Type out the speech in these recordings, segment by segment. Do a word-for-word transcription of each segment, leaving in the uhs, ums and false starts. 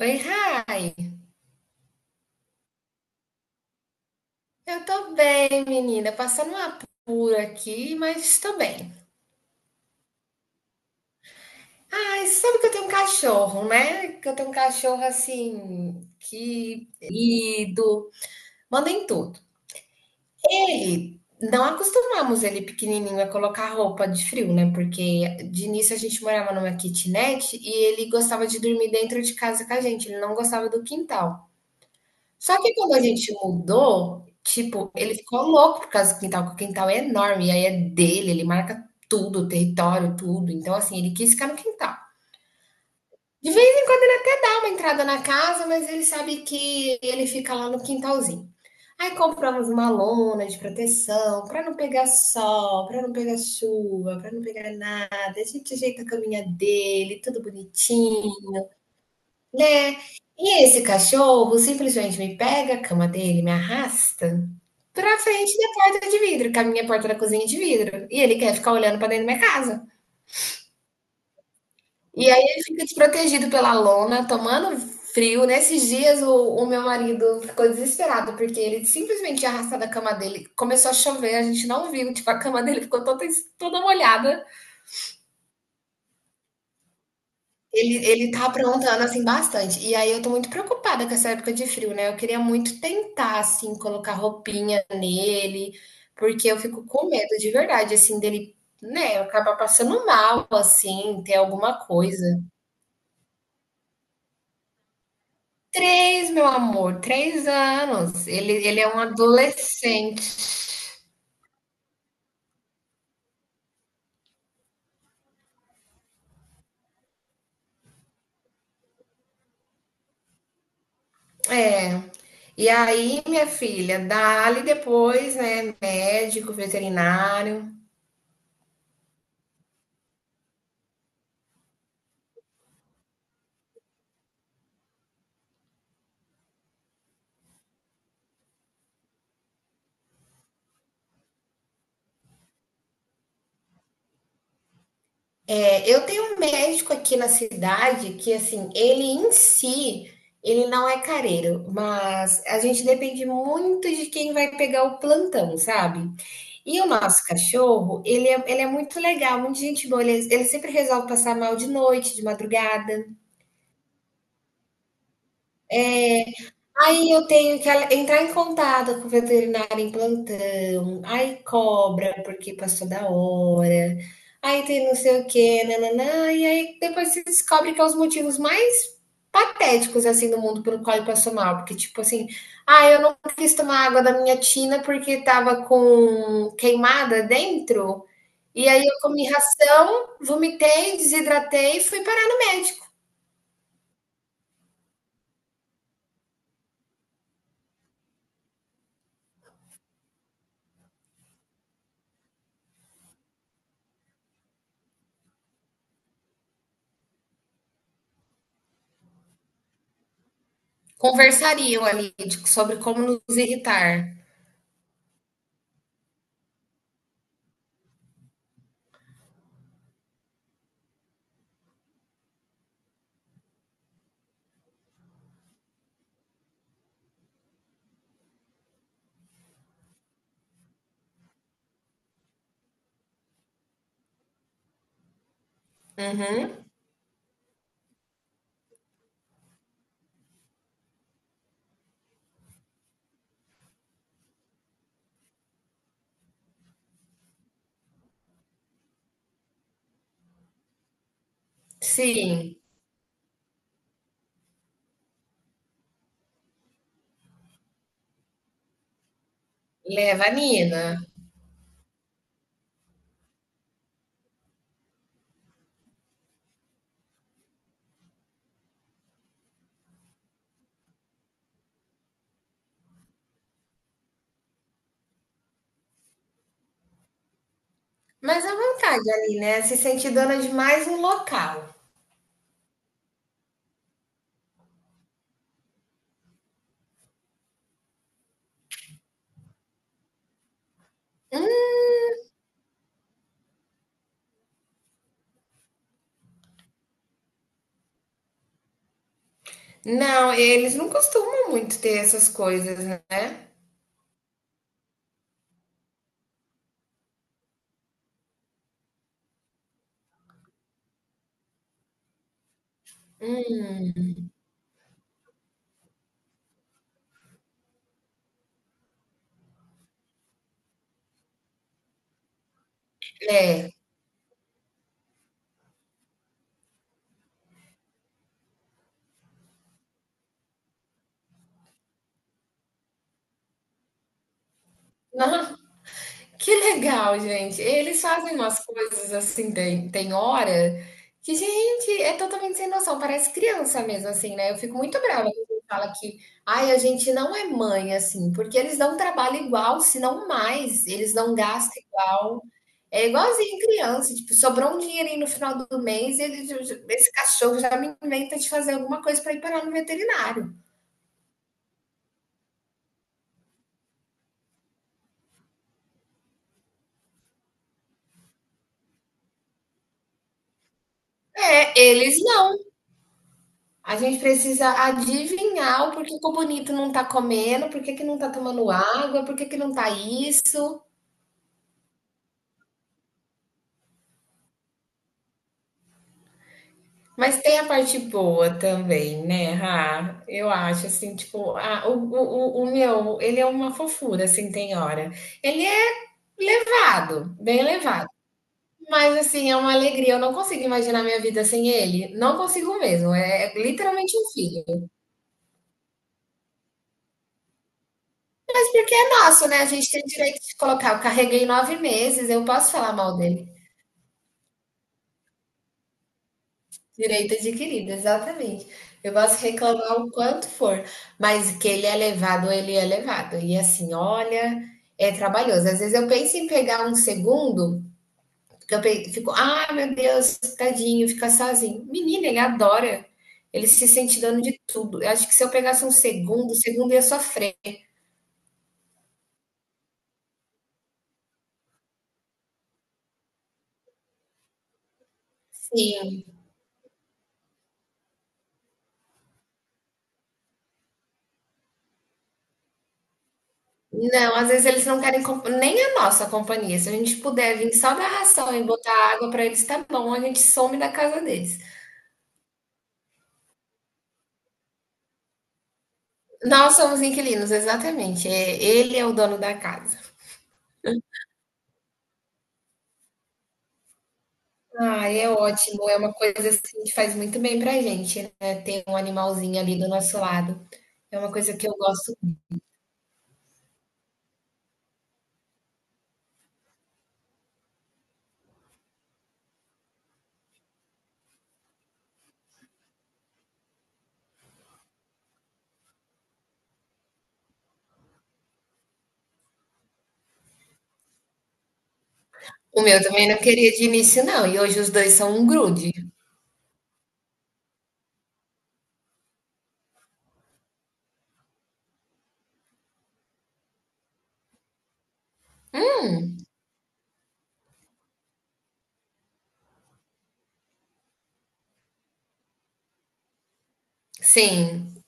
Oi, Rai. Eu tô bem, menina. Passando uma apura aqui, mas tô bem. Ai, sabe que eu tenho um cachorro, né? Que eu tenho um cachorro assim, que lido, manda em tudo. Ele, não acostumamos ele pequenininho a colocar roupa de frio, né? Porque de início a gente morava numa kitnet e ele gostava de dormir dentro de casa com a gente, ele não gostava do quintal. Só que quando a gente mudou, tipo, ele ficou louco por causa do quintal, porque o quintal é enorme, e aí é dele, ele marca tudo, o território, tudo. Então, assim, ele quis ficar no quintal. De vez em quando ele até dá uma entrada na casa, mas ele sabe que ele fica lá no quintalzinho. Aí compramos uma lona de proteção para não pegar sol, para não pegar chuva, para não pegar nada. A gente ajeita a caminha dele, tudo bonitinho. Né? E esse cachorro simplesmente me pega a cama dele, me arrasta pra frente da porta de vidro, que a minha porta da cozinha é de vidro. E ele quer ficar olhando pra dentro da minha casa. E aí ele fica desprotegido pela lona, tomando frio. Nesses dias o, o meu marido ficou desesperado, porque ele simplesmente tinha arrastado a cama dele. Começou a chover, a gente não viu, tipo, a cama dele ficou toda, toda molhada. Ele, ele tá aprontando, assim, bastante. E aí eu tô muito preocupada com essa época de frio, né? Eu queria muito tentar, assim, colocar roupinha nele, porque eu fico com medo de verdade, assim, dele, né, acabar passando mal, assim, ter alguma coisa. Três, meu amor, três anos. Ele, ele é um adolescente. É. E aí, minha filha, dá-lhe depois, né, médico, veterinário. Eu tenho um médico aqui na cidade que, assim, ele em si, ele não é careiro, mas a gente depende muito de quem vai pegar o plantão, sabe? E o nosso cachorro, ele é, ele é muito legal, muito gente boa, ele, ele sempre resolve passar mal de noite, de madrugada. Aí eu tenho que ale- entrar em contato com o veterinário em plantão. Aí cobra porque passou da hora. Aí tem não sei o quê, nananã. E aí depois se descobre que é os motivos mais patéticos assim do mundo pelo qual ele passou mal, porque tipo assim, ah, eu não quis tomar água da minha tina porque tava com queimada dentro. E aí eu comi ração, vomitei, desidratei e fui parar no médico. Conversariam ali de- sobre como nos irritar. Uhum. Sim, leva a Nina. Mas à vontade ali, né? Se sente dona de mais um local. Não, eles não costumam muito ter essas coisas, né? Hum, é. Que legal, gente. Eles fazem umas coisas assim, tem, tem hora que, gente, é totalmente sem noção. Parece criança mesmo, assim, né? Eu fico muito brava quando alguém fala que, ai, a gente não é mãe, assim, porque eles dão um trabalho igual, se não mais. Eles dão um gasto igual. É igualzinho criança, tipo, sobrou um dinheirinho no final do mês, ele, esse cachorro já me inventa de fazer alguma coisa para ir parar no veterinário. É, eles não. A gente precisa adivinhar o porquê que o bonito não tá comendo, por que que não tá tomando água, por que que não tá isso. Mas tem a parte boa também, né, Rá? Eu acho, assim, tipo, a- o, o, o o meu, ele é uma fofura, assim, tem hora. Ele é levado, bem levado. Mas, assim, é uma alegria. Eu não consigo imaginar minha vida sem ele. Não consigo mesmo. É, é literalmente um filho. Mas porque é nosso, né? A gente tem o direito de colocar. Eu carreguei nove meses, eu posso falar mal dele. Direito adquirido, exatamente. Eu posso reclamar o quanto for, mas que ele é levado, ele é levado. E assim, olha, é trabalhoso. Às vezes eu penso em pegar um segundo, porque eu pe- fico, ah, meu Deus, tadinho, fica sozinho. Menina, ele adora. Ele se sente dono de tudo. Eu acho que se eu pegasse um segundo, o segundo ia sofrer. Sim. Não, às vezes eles não querem comp- nem a nossa companhia. Se a gente puder vir só dar ração e botar água para eles, tá bom, a gente some da casa deles. Nós somos inquilinos, exatamente. É, ele é o dono da casa. Ah, é ótimo. É uma coisa assim que faz muito bem pra gente, né? Ter um animalzinho ali do nosso lado. É uma coisa que eu gosto. O meu também não queria de início, não. E hoje os dois são um grude. Sim,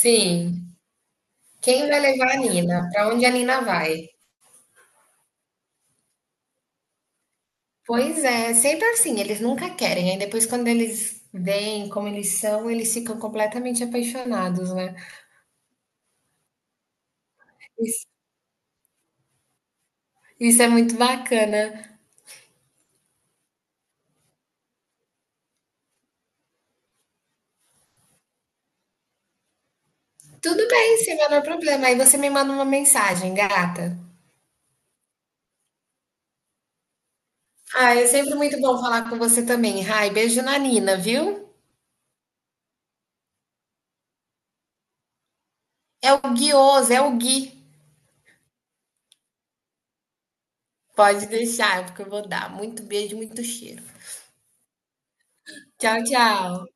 sim. Quem vai levar a Nina? Pra onde a Nina vai? Pois é, sempre assim, eles nunca querem. Aí depois, quando eles veem como eles são, eles ficam completamente apaixonados, né? Isso, isso é muito bacana. Tudo bem, Silvia, não é problema. Aí você me manda uma mensagem, gata. Ah, é sempre muito bom falar com você também. Ai, beijo na Nina, viu? É o Guioso, é o Gui. Pode deixar, porque eu vou dar. Muito beijo, muito cheiro. Tchau, tchau.